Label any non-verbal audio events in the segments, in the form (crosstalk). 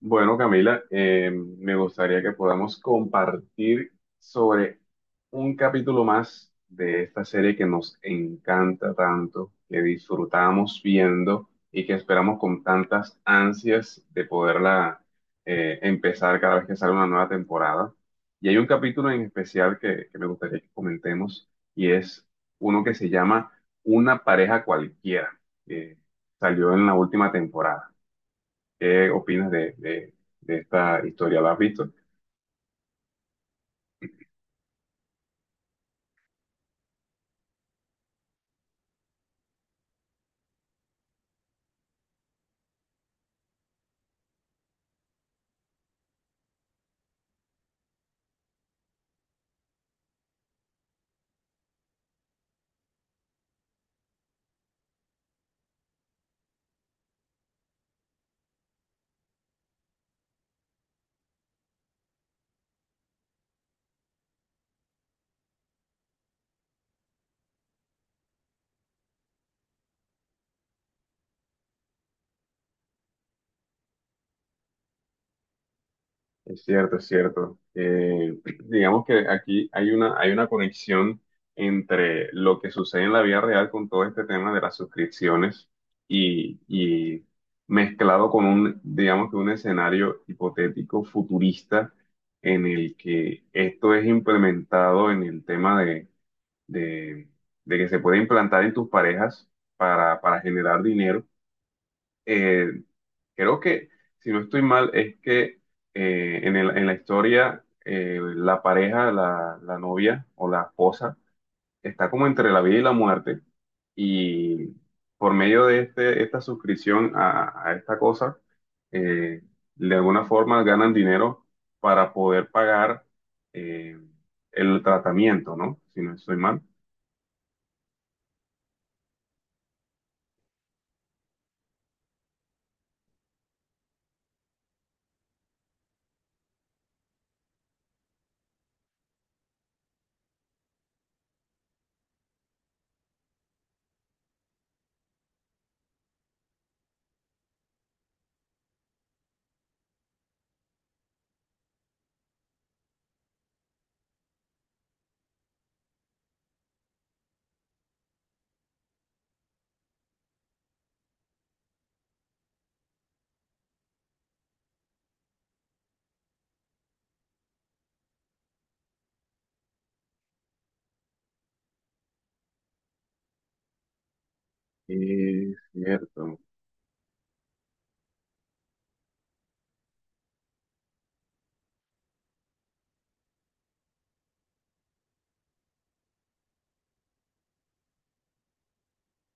Bueno, Camila, me gustaría que podamos compartir sobre un capítulo más de esta serie que nos encanta tanto, que disfrutamos viendo y que esperamos con tantas ansias de poderla empezar cada vez que sale una nueva temporada. Y hay un capítulo en especial que me gustaría que comentemos y es uno que se llama Una pareja cualquiera, que salió en la última temporada. ¿Qué opinas de esta historia? ¿La has visto? Es cierto, es cierto. (clears throat) Digamos que aquí hay hay una conexión entre lo que sucede en la vida real con todo este tema de las suscripciones y mezclado con digamos que un escenario hipotético futurista en el que esto es implementado en el tema de- de que se puede implantar en tus parejas para generar dinero. Eh, Creo que, si no estoy mal, es que en la historia la pareja, la novia o la esposa, está como entre la vida y la muerte. Y por medio esta suscripción a esta cosa, eh, de alguna forma ganan dinero para poder pagar eh, el tratamiento, ¿no? Si no estoy mal. Es cierto.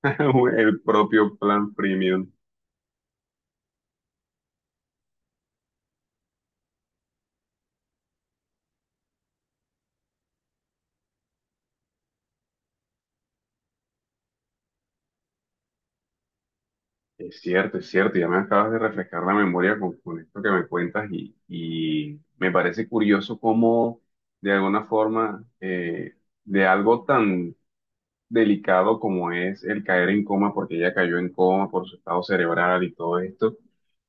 (laughs) El propio plan premium. Es cierto, ya me acabas de refrescar la memoria con esto que me cuentas y me parece curioso cómo de alguna forma de algo tan delicado como es el caer en coma, porque ella cayó en coma por su estado cerebral y todo esto,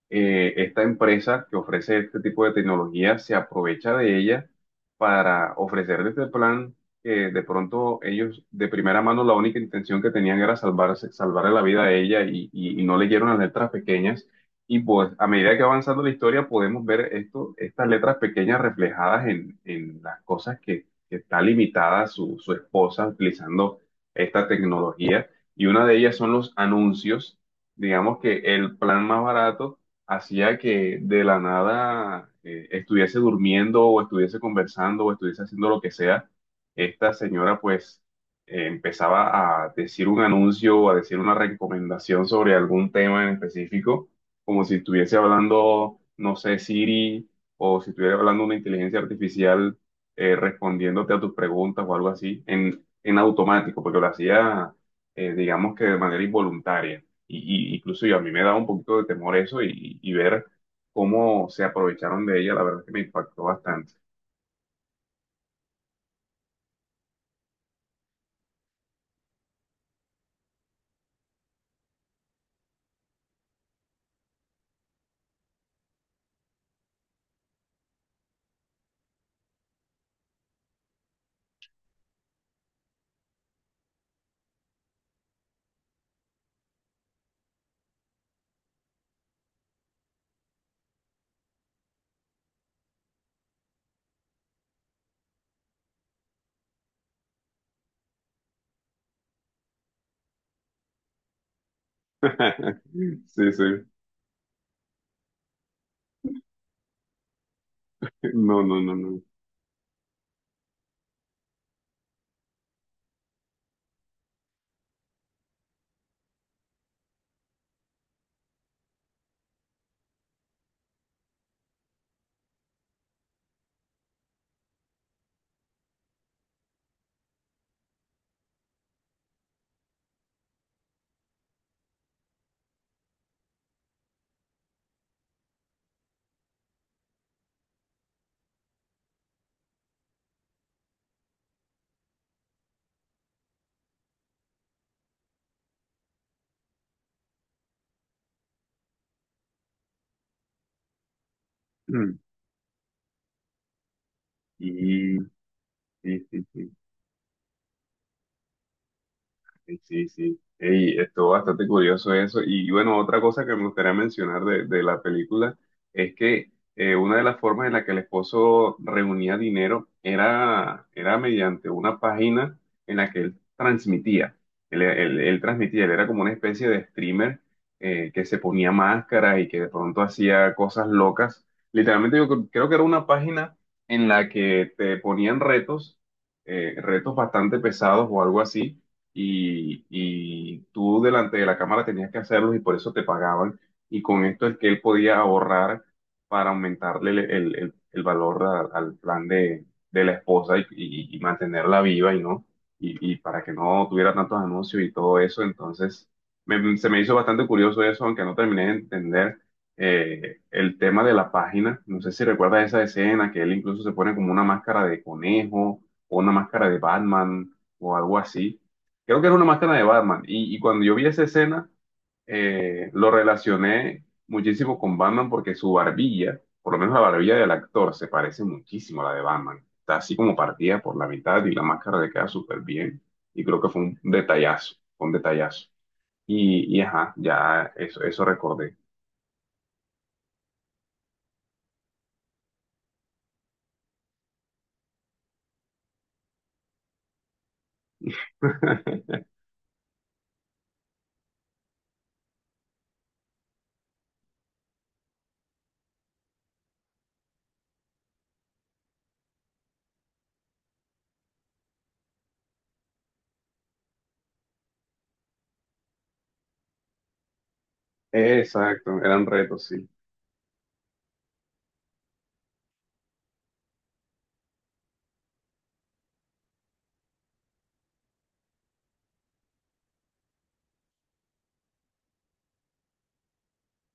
esta empresa que ofrece este tipo de tecnología se aprovecha de ella para ofrecer este plan que de pronto ellos de primera mano la única intención que tenían era salvarse, salvarle la vida a ella y no leyeron las letras pequeñas. Y pues a medida que va avanzando la historia podemos ver esto, estas letras pequeñas reflejadas en las cosas que está limitada su esposa utilizando esta tecnología. Y una de ellas son los anuncios. Digamos que el plan más barato hacía que de la nada estuviese durmiendo o estuviese conversando o estuviese haciendo lo que sea, esta señora pues empezaba a decir un anuncio o a decir una recomendación sobre algún tema en específico, como si estuviese hablando, no sé, Siri o si estuviera hablando una inteligencia artificial respondiéndote a tus preguntas o algo así, en automático, porque lo hacía, digamos que de manera involuntaria. Y incluso yo, a mí me da un poquito de temor eso y ver cómo se aprovecharon de ella, la verdad es que me impactó bastante. (laughs) Sí, sí. No, no, no, no. (clears throat) Y, sí, sí, sí. Sí, sí, sí. Ey, estuvo bastante curioso eso. Y bueno, otra cosa que me gustaría mencionar de la película es que una de las formas en la que el esposo reunía dinero era mediante una página en la que él transmitía. Él transmitía, él era como una especie de streamer que se ponía máscaras y que de pronto hacía cosas locas. Literalmente yo creo que era una página en la que te ponían retos, retos bastante pesados o algo así y tú delante de la cámara tenías que hacerlos y por eso te pagaban. Y con esto es que él podía ahorrar para aumentarle el valor al plan de la esposa y mantenerla viva y no, y para que no tuviera tantos anuncios y todo eso. Entonces, se me hizo bastante curioso eso, aunque no terminé de entender el tema de la página. No sé si recuerdas esa escena que él incluso se pone como una máscara de conejo o una máscara de Batman o algo así. Creo que era una máscara de Batman. Y cuando yo vi esa escena, lo relacioné muchísimo con Batman porque su barbilla, por lo menos la barbilla del actor, se parece muchísimo a la de Batman. Está así como partida por la mitad y la máscara le queda súper bien. Y creo que fue un detallazo, fue un detallazo. Y ajá, ya eso recordé. (laughs) Exacto, eran retos, sí.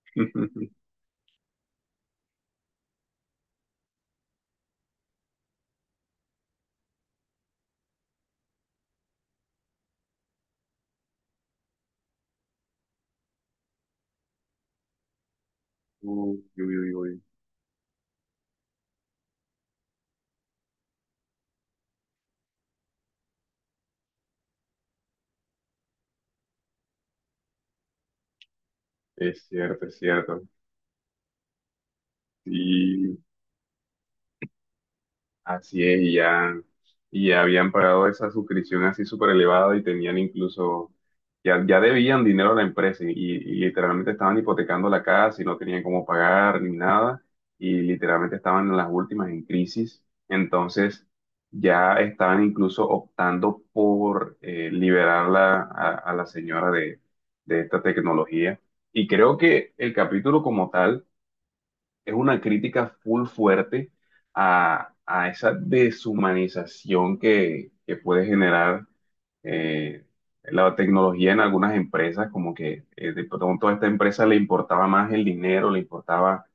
(laughs) Uy, uy, uy, uy. Es cierto, es cierto. Sí. Así es, y ya habían pagado esa suscripción así súper elevada y tenían incluso, ya, ya debían dinero a la empresa y literalmente estaban hipotecando la casa y no tenían cómo pagar ni nada y literalmente estaban en las últimas en crisis. Entonces ya estaban incluso optando por liberarla a la señora de esta tecnología. Y creo que el capítulo como tal es una crítica full fuerte a esa deshumanización que puede generar eh, la tecnología en algunas empresas, como que de pronto a esta empresa le importaba más el dinero, le importaba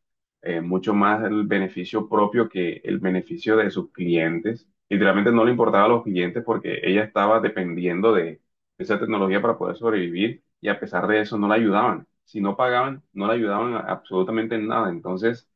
mucho más el beneficio propio que el beneficio de sus clientes. Literalmente no le importaba a los clientes porque ella estaba dependiendo de esa tecnología para poder sobrevivir y a pesar de eso no la ayudaban. Si no pagaban, no la ayudaban absolutamente en nada. Entonces,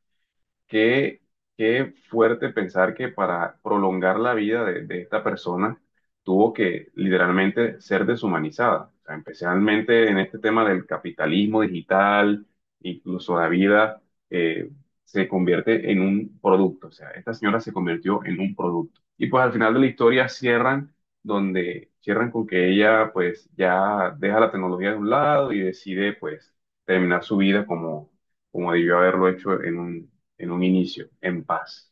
Qué, qué fuerte pensar que para prolongar la vida de esta persona tuvo que literalmente ser deshumanizada. O sea, especialmente en este tema del capitalismo digital, incluso la vida eh, se convierte en un producto. O sea, esta señora se convirtió en un producto. Y pues al final de la historia cierran donde cierran con que ella pues ya deja la tecnología de un lado y decide pues terminar su vida como, como debió haberlo hecho en un inicio, en paz.